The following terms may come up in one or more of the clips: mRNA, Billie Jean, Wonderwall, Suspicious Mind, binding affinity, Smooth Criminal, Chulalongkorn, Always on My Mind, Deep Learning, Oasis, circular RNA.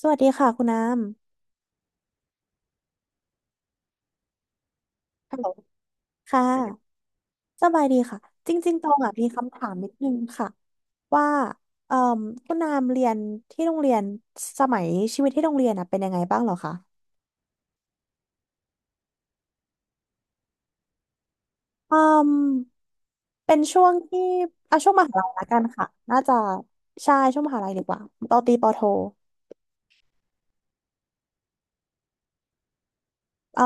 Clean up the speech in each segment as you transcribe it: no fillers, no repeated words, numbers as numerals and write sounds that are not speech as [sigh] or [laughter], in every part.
สวัสดีค่ะคุณน้ฮัลโหลำค่ะ สบายดีค่ะ จริงๆตองอ่ะมีคำถามนิดนึงค่ะว่าเอ่อคุณน้ำเรียนที่โรงเรียนสมัยชีวิตที่โรงเรียนอ่ะเป็นยังไงบ้างเหรอคะอืมเป็นช่วงที่อ่ะช่วงมหาลัยละกันค่ะน่าจะใช่ช่วงมหาลัยดีกว่าปอตรีปอโทเอ่อ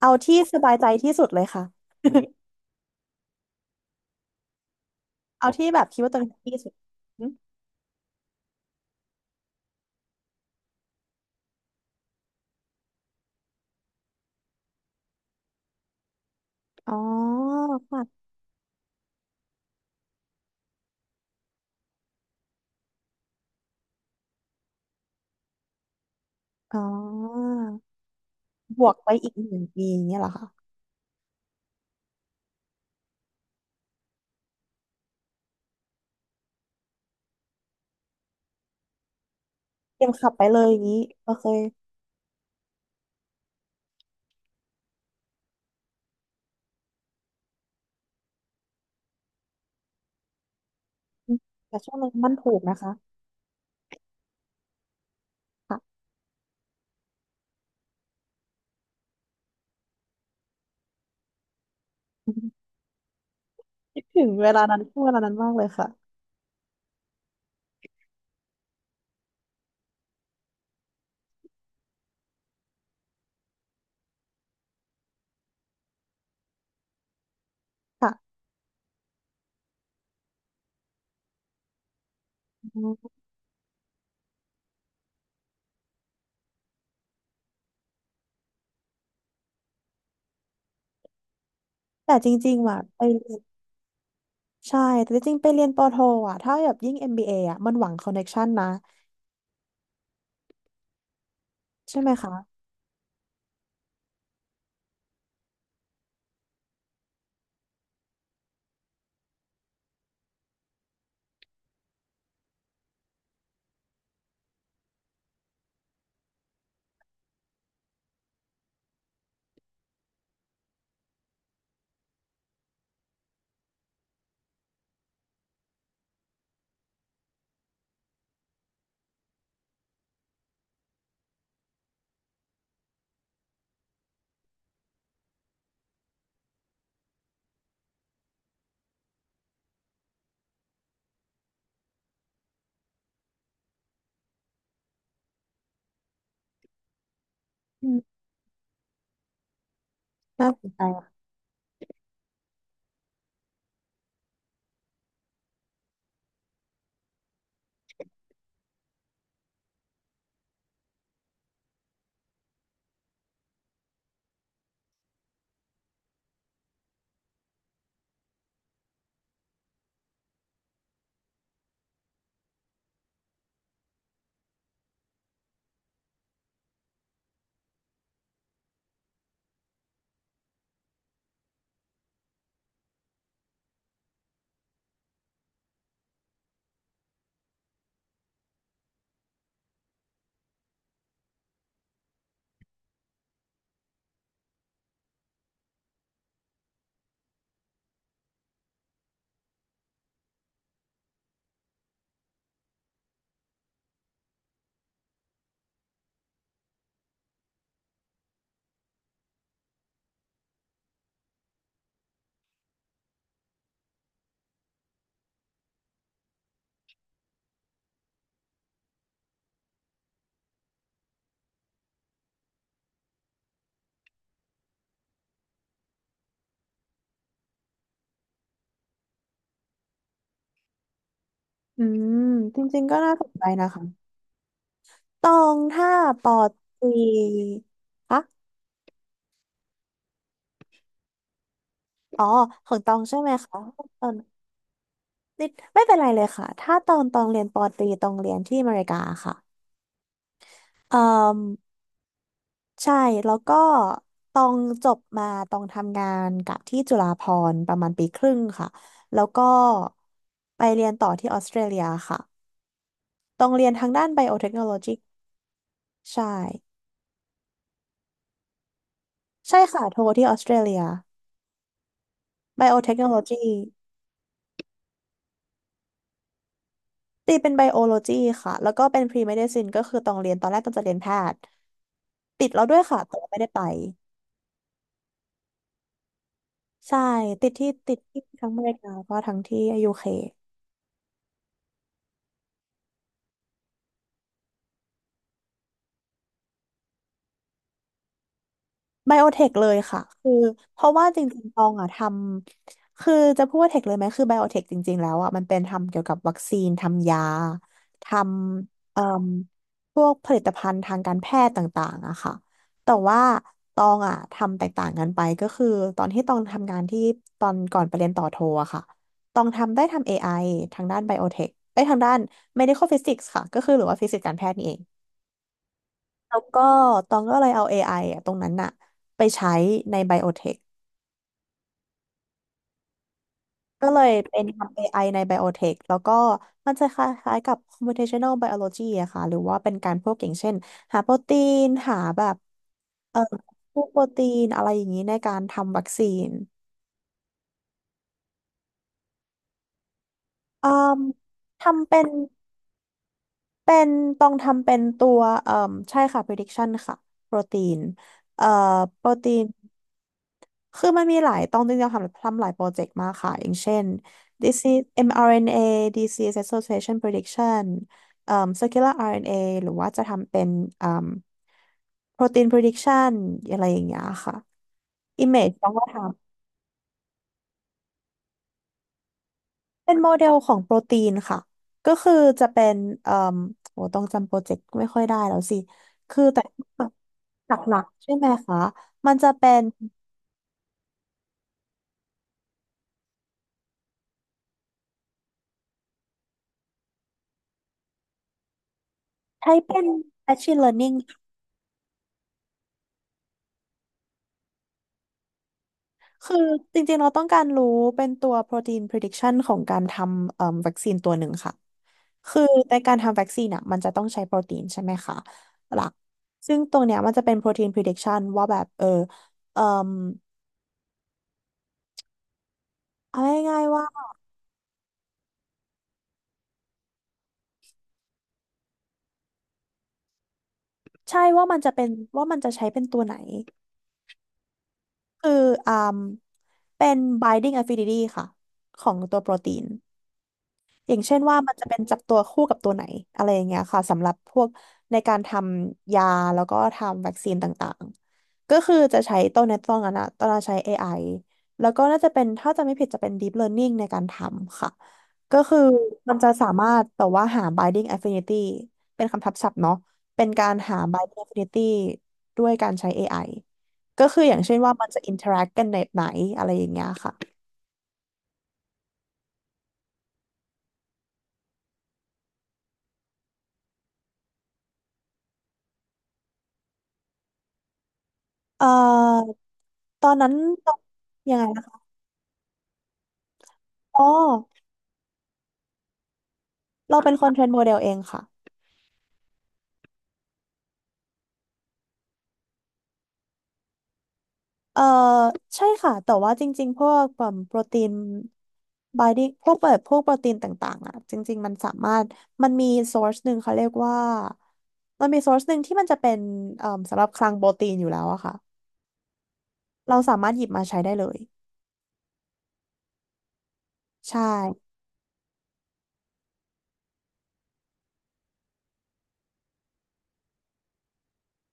เอาที่สบายใจที่สุดเลยค่ะ [laughs] เอาที่แบบคิดว่าตัวเองที่สุดอมอ๋อค่ะอ๋อ บวกไปอีกหนึ่งปีอย่างเงี้ยเหรอคะเตรียมขับไปเลยอย่างนี้โอเคอืมแต่ช่วงนั้นมันถูกนะคะค่ะ [laughs] คิดถึงเวลานั้นช่วงเวลานั้นมากเลยค่ะค่ะอืมแต่จริงๆอะไปเรียนใช่แต่จริงๆไปเรียนปอโทอ่ะถ้าแบบยิ่ง MBA อมบีเออ่ะมันหวังคอนเน c t ชันนะใช่ไหมคะอืมน่าสนใจอะอืมจริงๆก็น่าสนใจนะคะตองถ้าปอตรีคะอ๋อของตองใช่ไหมคะตอน นิดไม่เป็นไรเลยค่ะถ้าตอนตองเรียนปอตรีตองเรียนที่อเมริกาค่ะเอ่มใช่แล้วก็ตองจบมาตองทำงานกับที่จุฬาภรณ์ประมาณปีครึ่งค่ะแล้วก็ไปเรียนต่อที่ออสเตรเลียค่ะตองเรียนทางด้านไบโอเทคโนโลยีใช่ใช่ค่ะโทที่ออสเตรเลียไบโอเทคโนโลยีตีเป็นไบโอโลจีค่ะ แล้วก็เป็นพรีเมดิซินก็คือตองเรียนตอนแรกตองจะเรียนแพทย์ติดแล้วด้วยค่ะแต่ว่าไม่ได้ไป ใช่ติดที่ติดที่ทั้งอเมริกาก็ทั้งที่ยูเคไบโอเทคเลยค่ะคือเพราะว่าจริงๆตองอ่ะทำคือจะพูดว่าเทคเลยไหมคือไบโอเทคจริงๆแล้วอ่ะมันเป็นทำเกี่ยวกับวัคซีนทำยาทำเอ่มพวกผลิตภัณฑ์ทางการแพทย์ต่างๆอะค่ะแต่ว่าตองอ่ะทำแตกต่างกันไปก็คือตอนที่ตองทำงานที่ตอนก่อนไปเรียนต่อโทอะค่ะตองทำได้ทำเอไอทางด้านไบโอเทคไอ้ยทางด้าน medical physics ค่ะก็คือหรือว่าฟิสิกส์การแพทย์นี่เอง แล้วก็ตองก็เลยเอา AI อไออะตรงนั้นอะไปใช้ในไบโอเทคก็เลยเป็นทำ AI ในไบโอเทคแล้วก็มันจะคล้ายๆกับ computational biology อะค่ะหรือว่าเป็นการพวกอย่างเช่นหาโปรตีนหาแบบเอ่อพวกโปรตีนอะไรอย่างนี้ในการทำวัคซีนอืมทำเป็นเป็นต้องทำเป็นตัวใช่ค่ะ prediction ค่ะโปรตีนเอ่อโปรตีน คือมันมีหลายตองจริงๆทำทำหลายโปรเจกต์มากค่ะอย่างเช่น disease mRNA disease association prediction เอ่อ circular RNA หรือว่าจะทำเป็นเอ่อ protein prediction อะไรอย่างเงี้ยค่ะ image ต้องก็ทำเป็นโมเดลของโปรตีนค่ะก็คือจะเป็นเอ่อโอ้ต้องจำโปรเจกต์ไม่ค่อยได้แล้วสิคือแต่หลักๆใช่ไหมคะมันจะเป็นใช้เป็น machine learning คือจริงๆเราต้องการรู้เป็นตัว protein prediction ของการทำวัคซีนตัวหนึ่งค่ะคือในการทำวัคซีนอ่ะมันจะต้องใช้โปรตีนใช่ไหมคะหลักซึ่งตรงเนี้ยมันจะเป็น protein prediction ว่าแบบเออเอ่อเอาง่ายๆว่าใช่ว่ามันจะเป็นว่ามันจะใช้เป็นตัวไหนคืออ่าเป็น binding affinity ค่ะของตัวโปรตีน อย่างเช่นว่ามันจะเป็นจับตัวคู่กับตัวไหนอะไรอย่างเงี้ยค่ะสำหรับพวกในการทำยาแล้วก็ทำวัคซีนต่างๆก็คือจะใช้ตอนนี้ตอนนั้นอะตอนนั้นใช้เอไอแล้วก็น่าจะเป็นถ้าจะไม่ผิดจะเป็น Deep Learning ในการทำค่ะก็คือมันจะสามารถแบบว่าหา binding affinity เป็นคำทับศัพท์เนาะเป็นการหา binding affinity ด้วยการใช้เอไอก็คืออย่างเช่นว่ามันจะ interact กันแบบไหนอะไรอย่างเงี้ยค่ะเอ่อตอนนั้นยังไง อ๋อเราเป็นคนเทรนโมเดลเองค่ะเอ่อใช่ค่ะแต่ว่าจริงๆพวกแบบโปรตีนบายดิ้งพวกแบบพวกโปรตีนต่างๆอ่ะจริงๆมันสามารถมันมี source หนึ่งเขาเรียกว่ามันมี source หนึ่งที่มันจะเป็นสำหรับคลังโปรตีนอยู่แล้วอะค่ะเราสามารถหยิบมาใช้ได้เลยใช่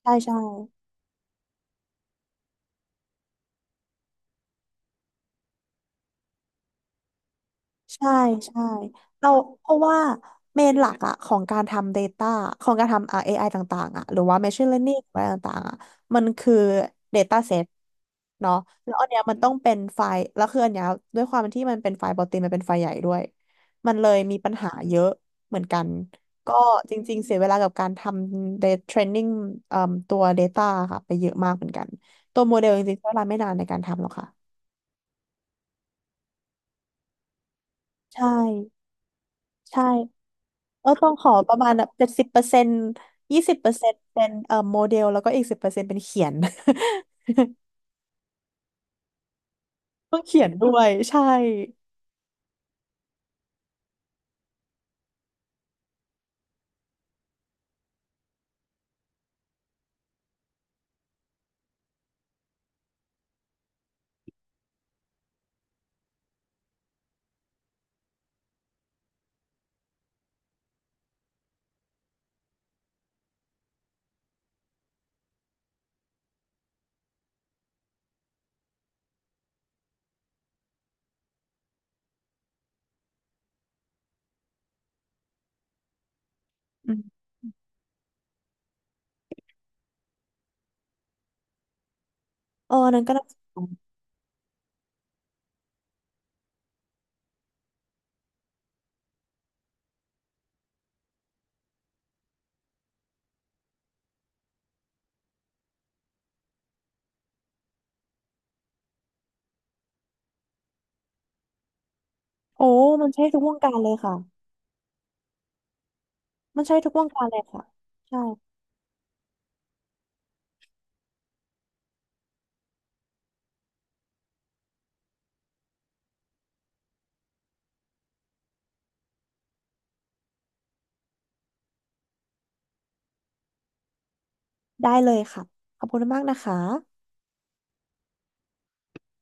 ใช่ใช่ ใช่ใช่เราเพราะว่าเมนหลักอะของการทำ Data ของการทำ AI ต่างๆอะหรือว่า Machine Learning อะไรต่างๆอะมันคือ Data Set เนาะแล้วอันเนี้ยมันต้องเป็นไฟล์แล้วคืออันเนี้ยด้วยความที่มันเป็นไฟล์ปกติมันเป็นไฟล์ใหญ่ด้วยมันเลยมีปัญหาเยอะเหมือนกันก็จริงๆเสียเวลากับการทำ data training เอ่มตัว Data ค่ะไปเยอะมากเหมือนกันตัวโมเดลจริงๆใช้เวลาไม่นานในการทำหรอกค่ะใช่ใช่ เออต้องขอประมาณแบบ70%20%เป็นโมเดล แล้วก็อีก10%เป็นเขียน [laughs] ต้องเขียนด้วยใช่อืมเออนั่นก็น่าสนใจโอ้มันใช้ทุกวงการเลยค่ะ มันใช้ทุกวงการเลยค่ะใช่ได้เลยค่ะ ขอบคุณมากนะคะ